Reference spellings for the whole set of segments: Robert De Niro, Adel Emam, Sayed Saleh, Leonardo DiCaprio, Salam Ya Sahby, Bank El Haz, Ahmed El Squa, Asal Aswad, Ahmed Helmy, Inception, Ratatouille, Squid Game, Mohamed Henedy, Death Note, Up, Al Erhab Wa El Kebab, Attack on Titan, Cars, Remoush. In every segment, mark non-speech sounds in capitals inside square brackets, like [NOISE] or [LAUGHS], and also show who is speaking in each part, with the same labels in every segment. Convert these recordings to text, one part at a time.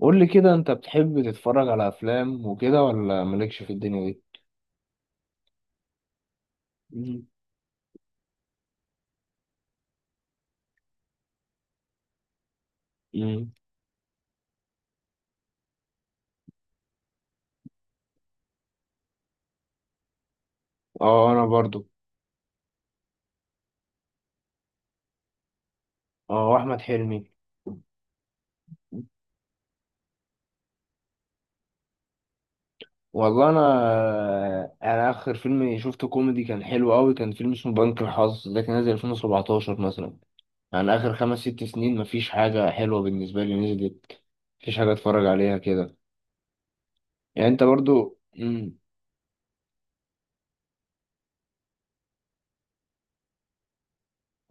Speaker 1: قول لي كده انت بتحب تتفرج على افلام وكده ولا مالكش في الدنيا دي. مم. امم اه انا برضو اه احمد حلمي. والله انا، اخر فيلم شفته كوميدي كان حلو قوي، كان فيلم اسمه بنك الحظ، ده كان نازل 2017 مثلا. يعني اخر 5 6 سنين مفيش حاجه حلوه بالنسبه لي نزلت، مفيش حاجه اتفرج عليها كده. يعني انت برضو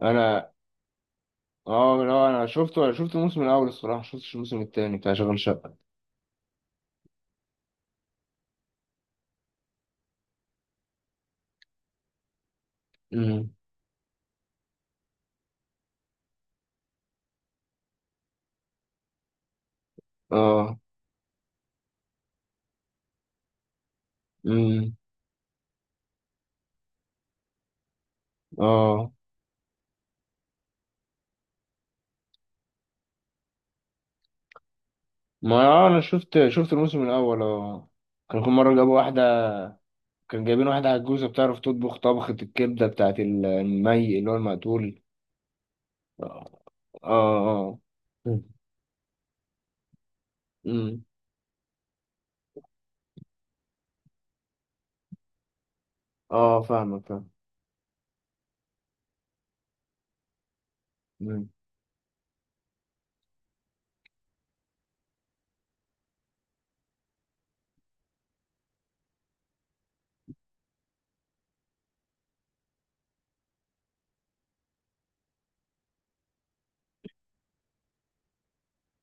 Speaker 1: انا. اه لا انا شفته، انا شفت الموسم الاول الصراحه، شفتش الموسم التاني بتاع شغل شقه. امم. اه. مم. اه، ما انا شفت الموسم الاول اه. كان كل مره جابوا واحده، كان جايبين واحده عجوزه بتعرف تطبخ طبخه الكبده بتاعت المي اللي هو المقتول. اه. اه. اه. مم. أمم. اه فاهمك، فاهم. أمم.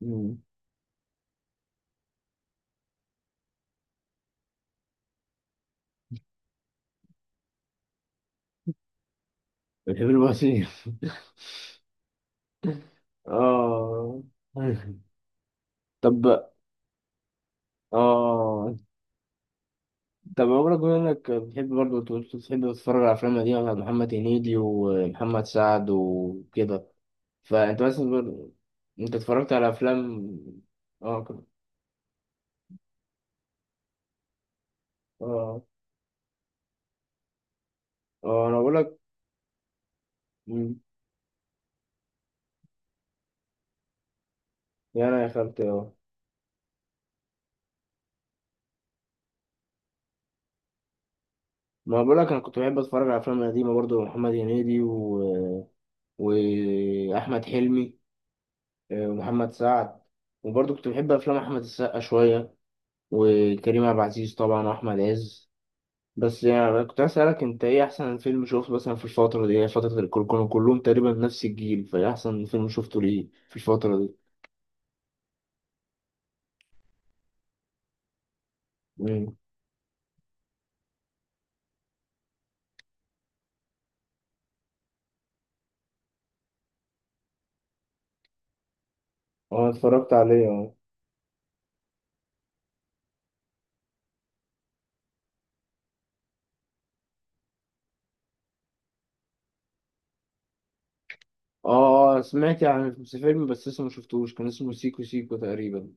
Speaker 1: أمم. بتحب الوسيم [LAUGHS] اه. مم. طب، اه طب، عمرك بما انك بتحب برضه بتحب تتفرج على افلام قديمه بتاعت محمد هنيدي ومحمد سعد وكده، فانت مثلا انت اتفرجت على افلام؟ اه كنت- اه. اه انا بقول لك، يا انا يا خالتي اه. ما بقول لك انا كنت بحب اتفرج على افلام قديمه برضو، محمد هنيدي و... واحمد حلمي، ومحمد سعد، وبرضو كنت بحب افلام احمد السقا شويه، وكريم عبد العزيز طبعا واحمد عز. بس يعني كنت عايز اسالك، انت ايه احسن فيلم شفته مثلا في الفتره دي؟ هي فتره الكل كانوا كلهم تقريبا نفس الجيل، فايه احسن فيلم شفته ليه في الفتره دي؟ مم. اه اتفرجت عليه. اه سمعت عن في فيلم بس لسه ما شفتوش، كان اسمه سيكو سيكو تقريبا.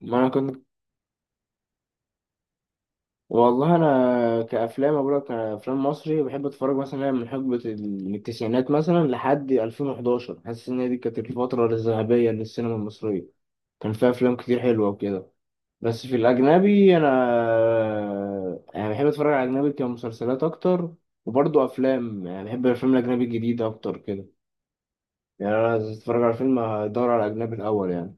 Speaker 1: ما انا كنت والله انا كافلام، اقول لك كافلام مصري بحب اتفرج مثلا من حقبه من التسعينات مثلا لحد 2011، حاسس ان هي دي كانت الفتره الذهبيه للسينما المصريه، كان فيها افلام كتير حلوه وكده. بس في الاجنبي انا، يعني بحب اتفرج على الاجنبي كمسلسلات اكتر، وبرضه افلام، يعني بحب الافلام الاجنبي الجديده اكتر كده. يعني انا عايز اتفرج على فيلم هدور على الاجنبي الاول يعني.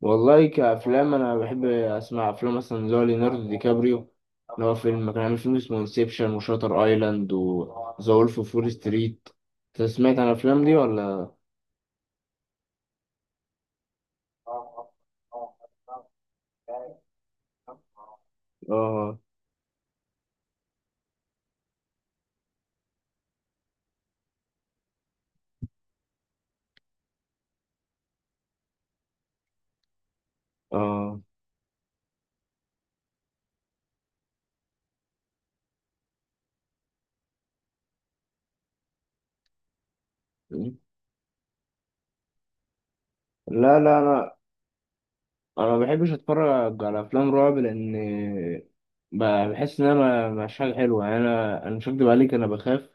Speaker 1: والله كأفلام أنا بحب أسمع أفلام مثلا اللي هو ليوناردو دي كابريو، اللي هو فيلم كان عامل، فيلم اسمه انسبشن وشاتر أيلاند وذا وولف أوف وول ستريت. أنت سمعت عن الأفلام دي ولا؟ آه. آه لا لا، أنا ما بحبش أتفرج على أفلام رعب، لأن بحس إن أنا مش حاجة حلوة. يعني أنا مش هكدب عليك، أنا بخاف.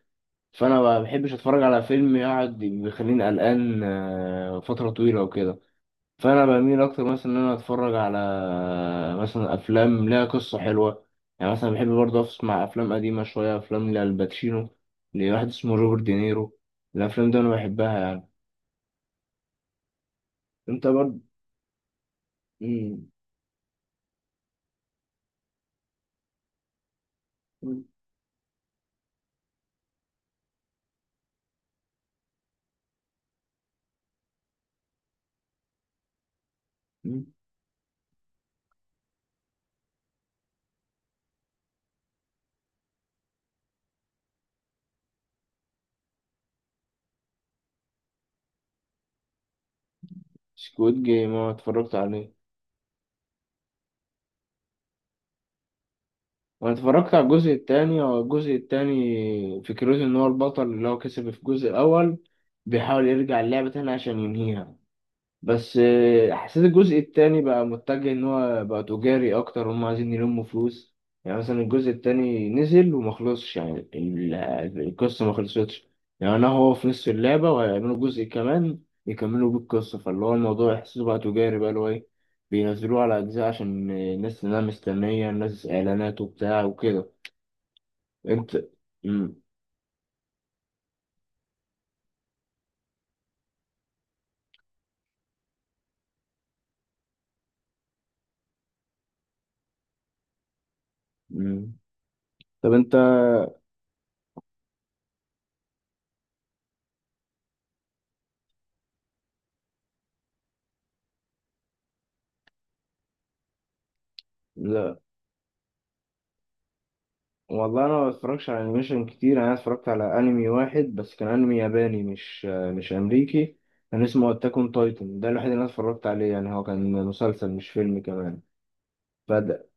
Speaker 1: فأنا ما بحبش أتفرج على فيلم يقعد بيخليني قلقان فترة طويلة وكده. فانا بميل اكتر مثلا ان انا اتفرج على مثلا افلام ليها قصه حلوه. يعني مثلا بحب برضه اسمع افلام قديمه شويه، افلام لالباتشينو، لواحد اسمه روبرت دينيرو، الافلام دي انا بحبها يعني. انت برضه. سكويد جيم، اه اتفرجت عليه. وانا اتفرجت على الجزء التاني، هو الجزء التاني فكرته ان هو البطل اللي هو كسب في الجزء الاول بيحاول يرجع اللعبه تاني عشان ينهيها. بس حسيت الجزء التاني بقى متجه ان هو بقى تجاري اكتر، هم عايزين يلموا فلوس. يعني مثلا الجزء التاني نزل وما خلصش، يعني القصة ما خلصتش. يعني انا هو في نص اللعبة وهيعملوا جزء كمان يكملوا بيه القصة، فاللي هو الموضوع يحسسوا بقى تجاري، بقى اللي هو ايه، بينزلوه على اجزاء عشان الناس انها مستنية، الناس اعلانات وبتاع وكده. انت. مم. مم. طب انت، لا والله انا ما بتفرجش على انيميشن كتير، انا اتفرجت على انمي واحد بس، كان انمي ياباني مش امريكي، كان اسمه اتاك اون تايتن، ده الوحيد اللي انا اتفرجت عليه يعني، هو كان مسلسل مش فيلم كمان. فده،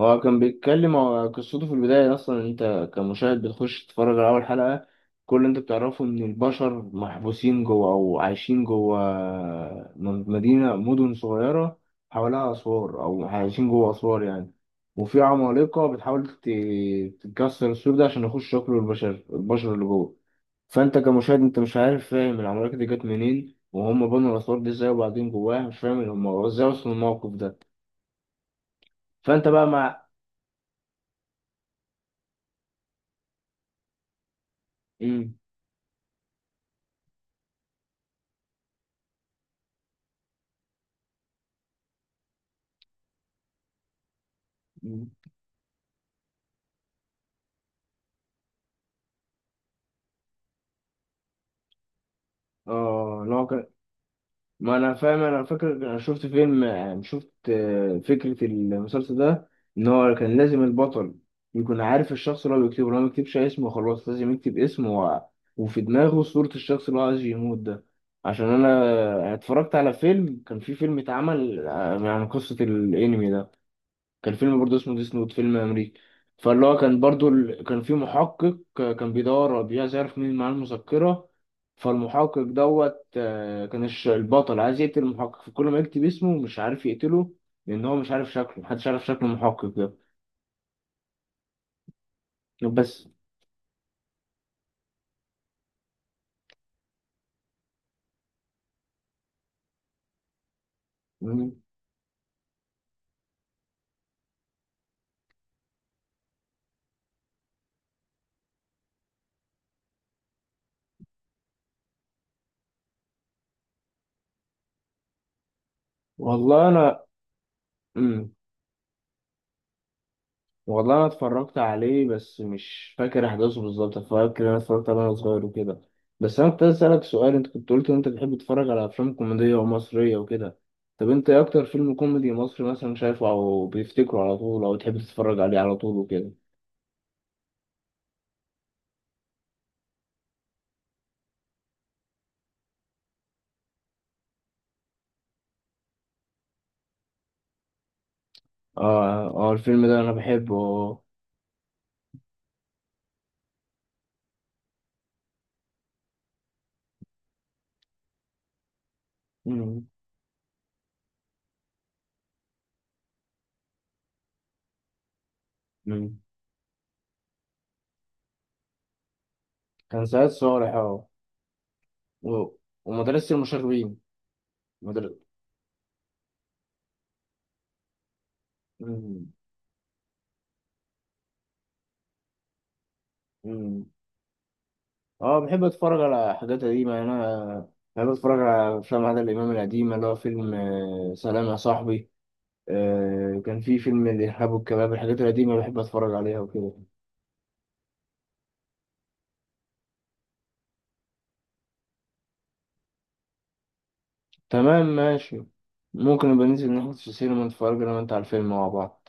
Speaker 1: هو كان بيتكلم، هو قصته في البداية أصلا إن أنت كمشاهد بتخش تتفرج على أول حلقة، كل اللي أنت بتعرفه إن البشر محبوسين جوه أو عايشين جوه مدينة، مدن صغيرة حواليها أسوار، أو عايشين جوه أسوار يعني. وفي عمالقة بتحاول تكسر السور ده عشان يخشوا ياكلوا البشر، البشر اللي جوه. فأنت كمشاهد أنت مش عارف، فاهم العمالقة دي جت منين وهم بنوا الأسوار دي إزاي، وبعدين جواها مش فاهم هم إزاي وصلوا للموقف ده. فأنت بقى مع. مم. اه لا كان، ما انا فاهم، انا فاكر انا شفت فيلم، يعني شفت فكرة المسلسل ده، ان هو كان لازم البطل يكون عارف الشخص اللي هو بيكتبه، لو ما يكتبش اسمه خلاص، لازم يكتب اسمه و... وفي دماغه صورة الشخص اللي هو عايز يموت ده، عشان انا، أنا اتفرجت على فيلم، كان في فيلم اتعمل عن قصة الانمي ده، كان فيلم برضه اسمه ديس نوت، فيلم امريكي. فاللي هو كان برضه ال... كان في محقق كان عايز يعرف مين معاه المذكرة، فالمحقق دوت كان البطل عايز يقتل المحقق، فكل ما يكتب اسمه مش عارف يقتله، لان هو مش عارف شكله، محدش عارف شكل المحقق ده. بس. مم. والله انا. مم. والله انا اتفرجت عليه بس مش فاكر احداثه بالظبط، فاكر انا اتفرجت عليه وانا صغير وكده. بس انا كنت عايز اسالك سؤال، انت كنت قلت ان انت بتحب تتفرج على افلام كوميديه ومصريه وكده، طب انت ايه اكتر فيلم كوميدي مصري مثلا شايفه او بتفتكره على طول او تحب تتفرج عليه على طول وكده؟ اه اه الفيلم ده انا بحبه اه. مم، مم. كان سعيد صالح اه. و- ومدرسه المشاغبين. مدرسه. اه بحب اتفرج على حاجات قديمة يعني. انا بحب اتفرج على افلام عادل امام القديمة، اللي هو فيلم سلام يا صاحبي، كان في فيلم الارهاب والكباب، الحاجات القديمة بحب اتفرج عليها وكده. تمام ماشي، ممكن نبقى ننزل نحط في السينما نتفرج انا وانت على الفيلم مع بعض.